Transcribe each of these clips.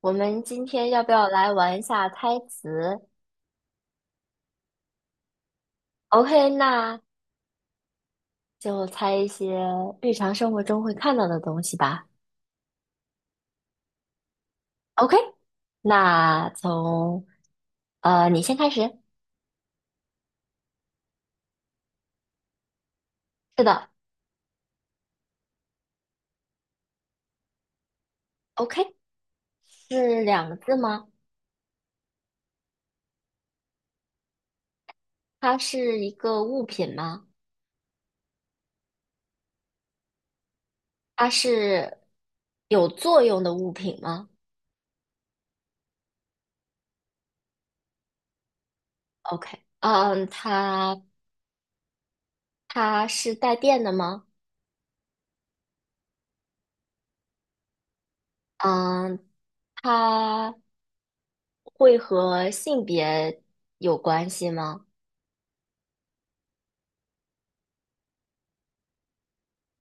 我们今天要不要来玩一下猜词？OK，那就猜一些日常生活中会看到的东西吧。OK，那从你先开始。是的，OK，是两个字吗？它是一个物品吗？它是有作用的物品吗？OK，嗯，它是带电的吗？嗯，它会和性别有关系吗？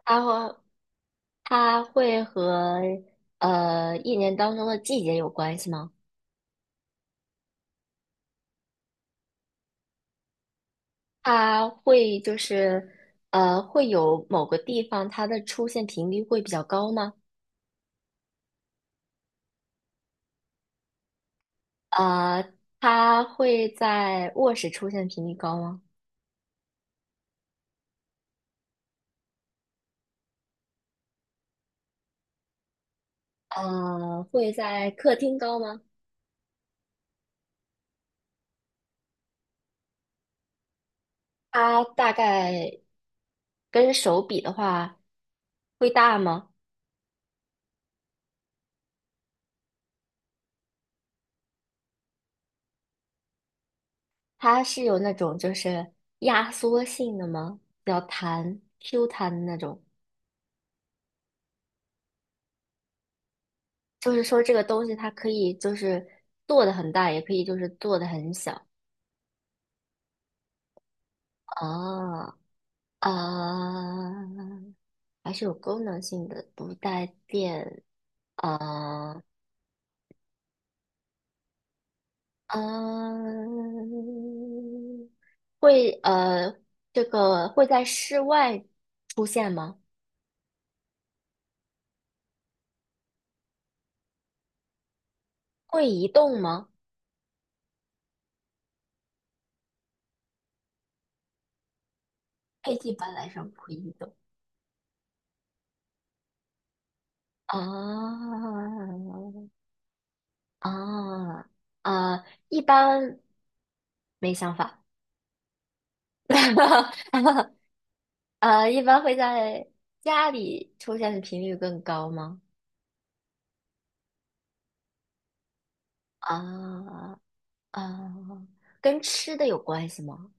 它和它会和一年当中的季节有关系吗？它会就是会有某个地方它的出现频率会比较高吗？呃，它会在卧室出现频率高吗？会在客厅高吗？它大概跟手比的话会大吗？它是有那种就是压缩性的吗？比较Q 弹的那种。就是说这个东西它可以就是做的很大，也可以就是做的很小啊啊，还是有功能性的，不带电啊啊，会呃这个会在室外出现吗？会移动吗？哎，一般来说不会移动。啊啊啊！一般没想法，一般会在家里出现的频率更高吗？啊啊，跟吃的有关系吗？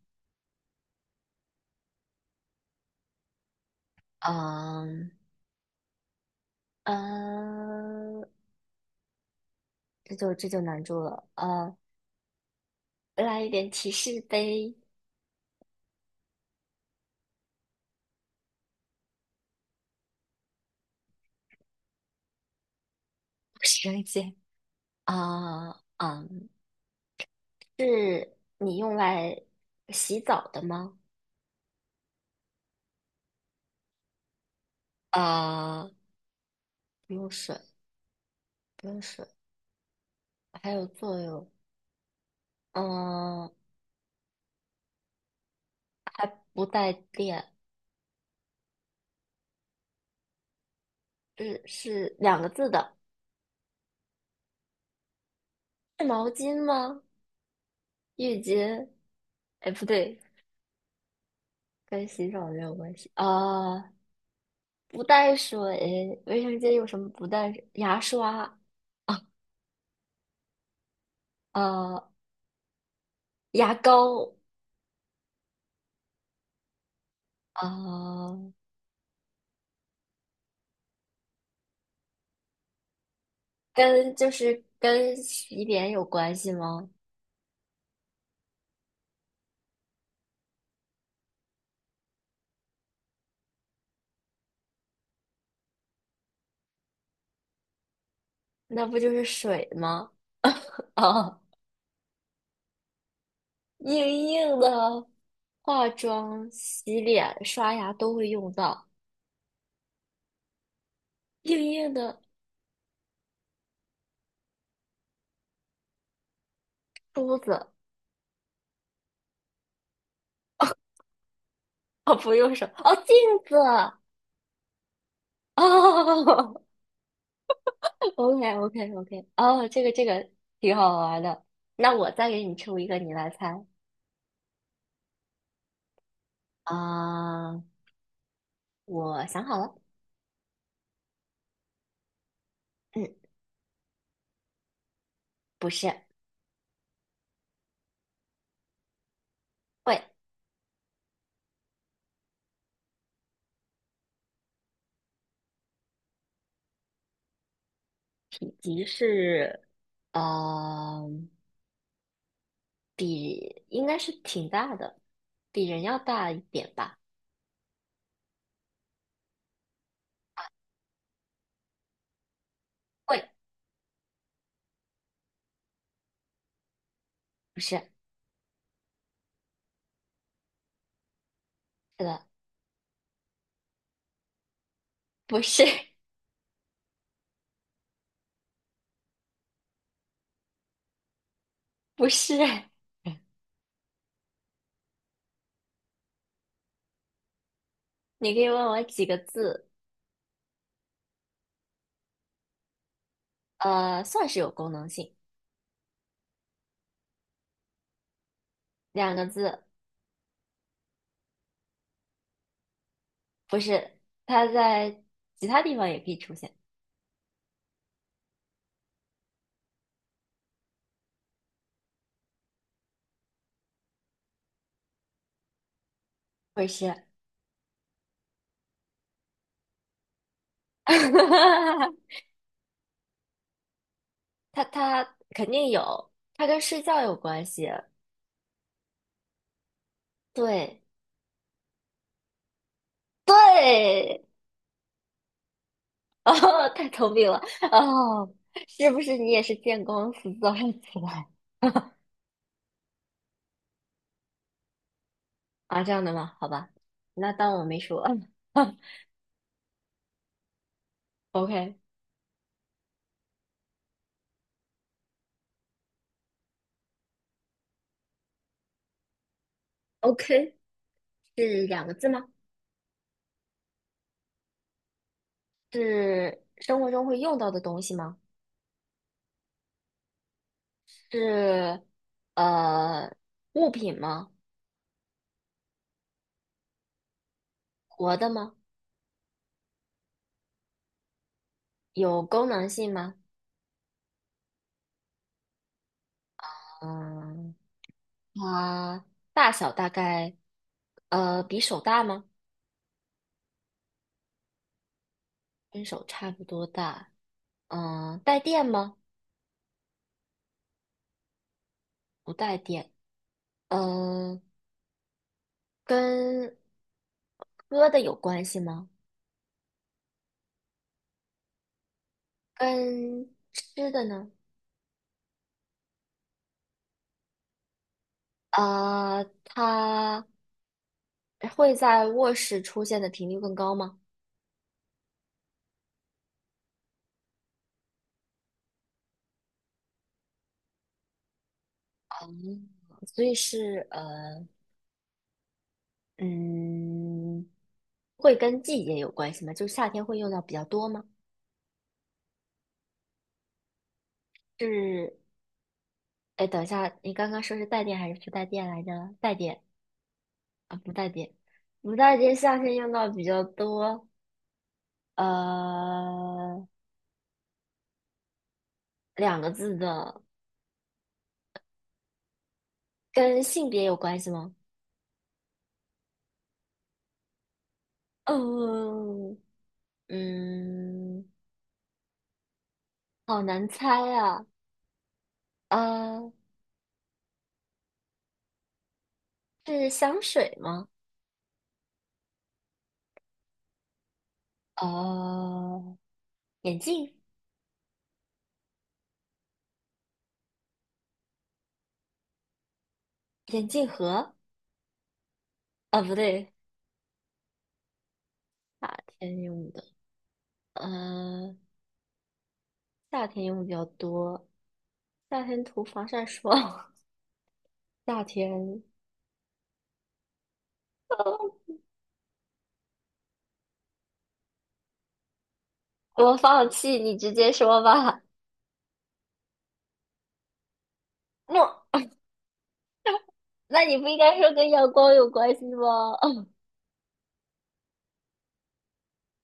嗯嗯，这就难住了。来一点提示呗，我是扔姐。啊嗯是你用来洗澡的吗？啊，不用水，不用水，还有作用。嗯，还不带电，是两个字的。是毛巾吗？浴巾？哎，不对，跟洗澡没有关系啊。不带水，卫生间有什么不带水牙刷，呃，牙膏，呃，跟跟洗脸有关系吗？那不就是水吗？啊，硬硬的，化妆、洗脸、刷牙都会用到。硬硬的梳子，哦，不用手，哦，镜子，哦。o k o k o k 哦，这个挺好玩的。那我再给你出一个，你来猜。啊、我想好了，嗯，不是，会，体积是，呃，比应该是挺大的，比人要大一点吧。会，不是，是的，不是，不是。你可以问我几个字，算是有功能性，两个字，不是，它在其他地方也可以出现，不是。它肯定有，它跟睡觉有关系。对对，哦，太聪明了哦，是不是你也是见光死早上起来 啊？这样的吗？好吧，那当我没说。OK OK，是两个字吗？是生活中会用到的东西吗？是呃物品吗？活的吗？有功能性吗？嗯，它大小大概比手大吗？跟手差不多大。嗯、带电吗？不带电。嗯、跟喝的有关系吗？跟吃的呢？啊，它会在卧室出现的频率更高吗？嗯，所以是呃，嗯，会跟季节有关系吗？就是夏天会用到比较多吗？是。哎，等一下，你刚刚说是带电还是不带电来着？带电啊，不带电，不带电，夏天用到比较多。呃，两个字的，跟性别有关系吗？嗯嗯，好难猜啊。呃，是香水吗？呃，眼镜，眼镜盒啊，不对，夏天用的，嗯，夏天用比较多，夏天涂防晒霜，夏天。我放弃，你直接说吧。那你不应该说跟阳光有关系吗？